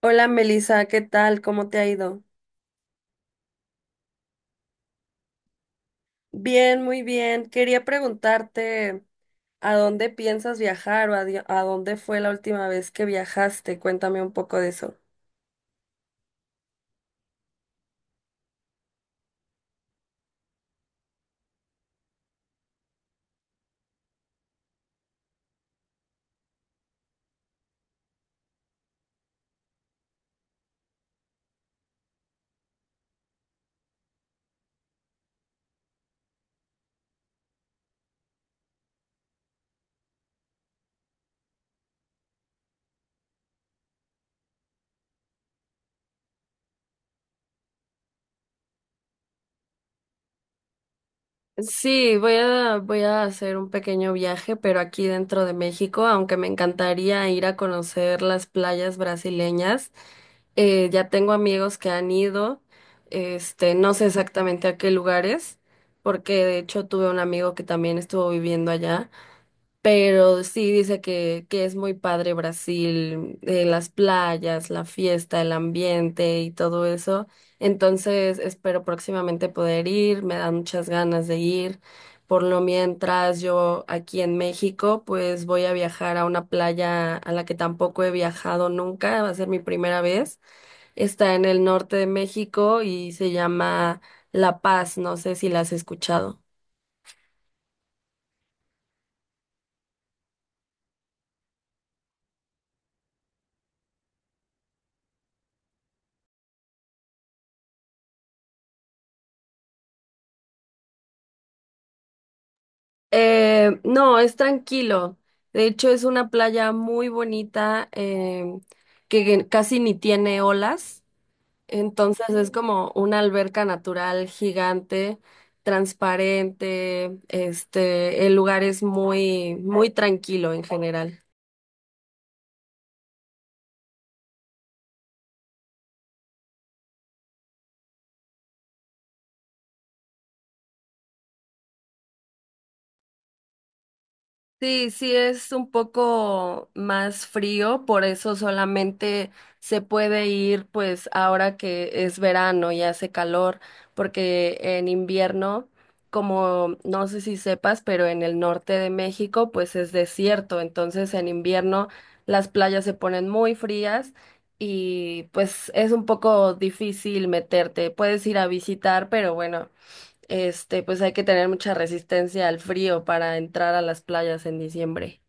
Hola Melissa, ¿qué tal? ¿Cómo te ha ido? Bien, muy bien. Quería preguntarte a dónde piensas viajar a dónde fue la última vez que viajaste. Cuéntame un poco de eso. Sí, voy a hacer un pequeño viaje, pero aquí dentro de México, aunque me encantaría ir a conocer las playas brasileñas. Ya tengo amigos que han ido, no sé exactamente a qué lugares, porque de hecho tuve un amigo que también estuvo viviendo allá, pero sí dice que es muy padre Brasil, las playas, la fiesta, el ambiente y todo eso. Entonces espero próximamente poder ir, me dan muchas ganas de ir. Por lo mientras yo aquí en México, pues voy a viajar a una playa a la que tampoco he viajado nunca, va a ser mi primera vez. Está en el norte de México y se llama La Paz, no sé si la has escuchado. No, es tranquilo. De hecho, es una playa muy bonita que casi ni tiene olas. Entonces es como una alberca natural gigante, transparente. El lugar es muy, muy tranquilo en general. Sí, sí es un poco más frío, por eso solamente se puede ir pues ahora que es verano y hace calor, porque en invierno, como no sé si sepas, pero en el norte de México pues es desierto, entonces en invierno las playas se ponen muy frías y pues es un poco difícil meterte. Puedes ir a visitar, pero bueno pues hay que tener mucha resistencia al frío para entrar a las playas en diciembre.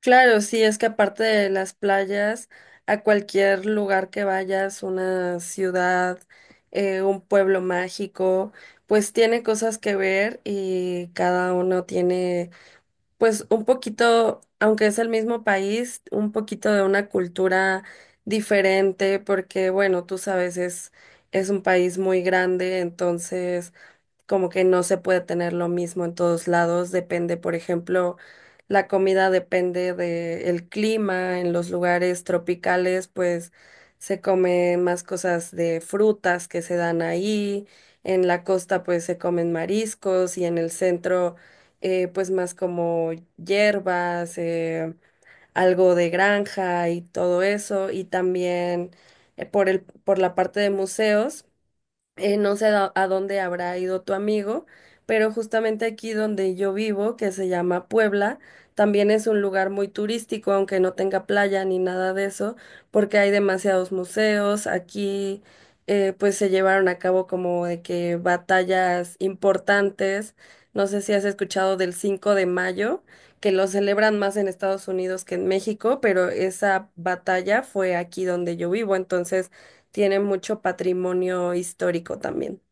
Claro, sí, es que aparte de las playas, a cualquier lugar que vayas, una ciudad, un pueblo mágico, pues tiene cosas que ver y cada uno tiene, pues un poquito, aunque es el mismo país, un poquito de una cultura diferente, porque bueno, tú sabes, es un país muy grande, entonces como que no se puede tener lo mismo en todos lados, depende, por ejemplo, la comida depende del clima, en los lugares tropicales, pues se comen más cosas de frutas que se dan ahí, en la costa pues se comen mariscos y en el centro pues más como hierbas, algo de granja y todo eso, y también por la parte de museos, no sé a dónde habrá ido tu amigo, pero justamente aquí donde yo vivo, que se llama Puebla, también es un lugar muy turístico, aunque no tenga playa ni nada de eso, porque hay demasiados museos. Aquí, pues se llevaron a cabo como de que batallas importantes. No sé si has escuchado del 5 de mayo, que lo celebran más en Estados Unidos que en México, pero esa batalla fue aquí donde yo vivo, entonces tiene mucho patrimonio histórico también.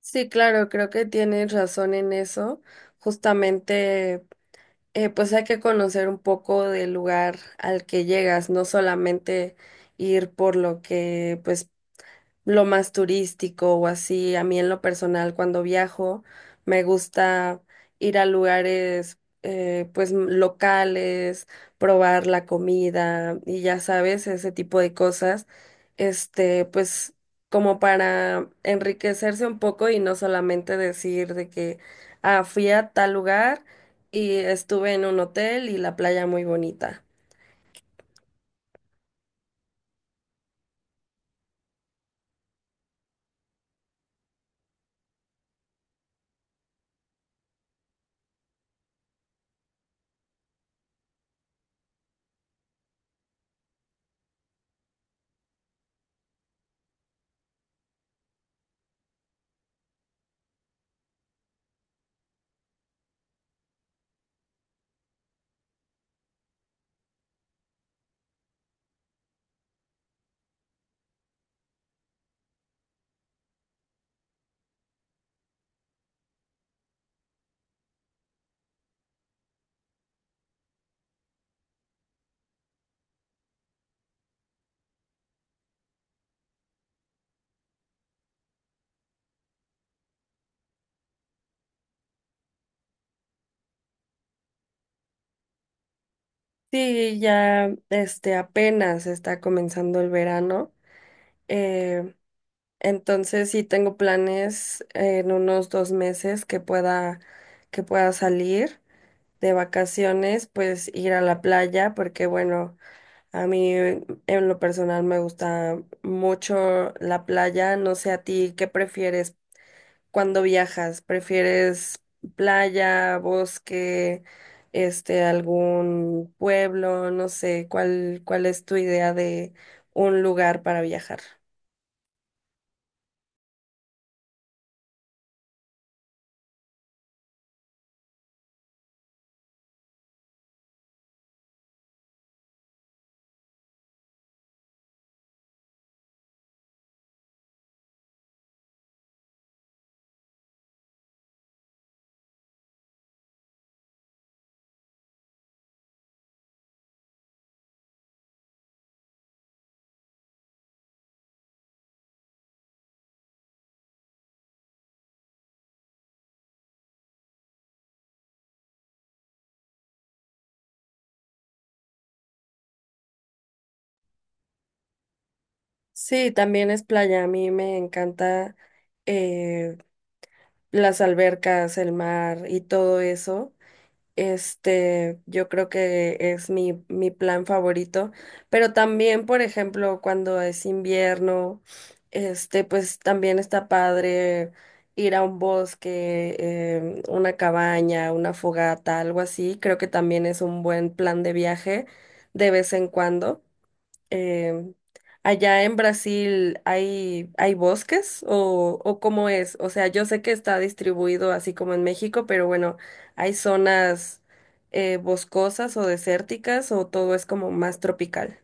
Sí, claro, creo que tienes razón en eso. Justamente, pues hay que conocer un poco del lugar al que llegas, no solamente ir por lo que pues lo más turístico o así. A mí en lo personal, cuando viajo, me gusta ir a lugares, pues locales, probar la comida y ya sabes, ese tipo de cosas. Pues como para enriquecerse un poco y no solamente decir de que, ah, fui a tal lugar y estuve en un hotel y la playa muy bonita. Sí, ya apenas está comenzando el verano. eh, Entonces sí tengo planes en unos dos meses que pueda salir de vacaciones, pues ir a la playa, porque bueno, a mí en lo personal me gusta mucho la playa. No sé a ti, ¿qué prefieres cuando viajas? ¿Prefieres playa, bosque, algún pueblo? No sé, ¿cuál es tu idea de un lugar para viajar? Sí, también es playa. A mí me encanta, eh, las albercas, el mar y todo eso. Yo creo que es mi plan favorito. Pero también, por ejemplo, cuando es invierno, pues también está padre ir a un bosque, una cabaña, una fogata, algo así. Creo que también es un buen plan de viaje de vez en cuando. Eh, Allá en Brasil hay bosques o ¿cómo es? O sea, yo sé que está distribuido así como en México, pero bueno, ¿hay zonas, boscosas o desérticas o todo es como más tropical?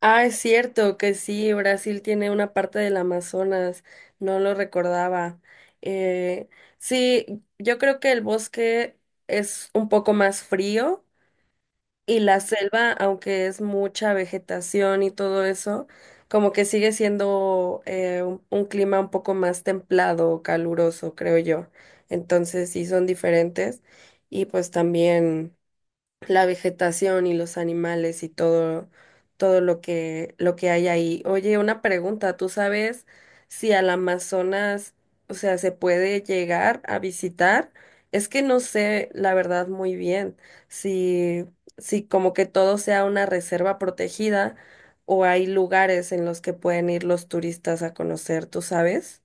Ah, es cierto que sí, Brasil tiene una parte del Amazonas, no lo recordaba. Eh, sí, yo creo que el bosque es un poco más frío. Y la selva, aunque es mucha vegetación y todo eso, como que sigue siendo, un clima un poco más templado, caluroso, creo yo. Entonces sí son diferentes. Y pues también la vegetación y los animales y todo, todo lo lo que hay ahí. Oye, una pregunta, ¿tú sabes si al Amazonas, o sea, se puede llegar a visitar? Es que no sé, la verdad, muy bien, si, si como que todo sea una reserva protegida o hay lugares en los que pueden ir los turistas a conocer, ¿tú sabes?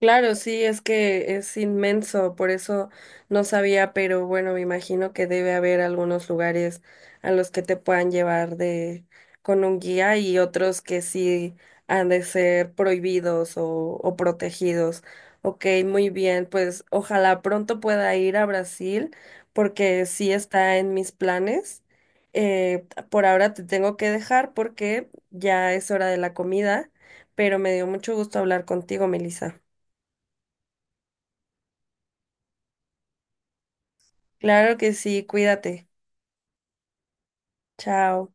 Claro, sí, es que es inmenso, por eso no sabía, pero bueno, me imagino que debe haber algunos lugares a los que te puedan llevar de con un guía y otros que sí han de ser prohibidos o protegidos. Ok, muy bien, pues ojalá pronto pueda ir a Brasil porque sí está en mis planes. Por ahora te tengo que dejar porque ya es hora de la comida, pero me dio mucho gusto hablar contigo, Melissa. Claro que sí, cuídate. Chao.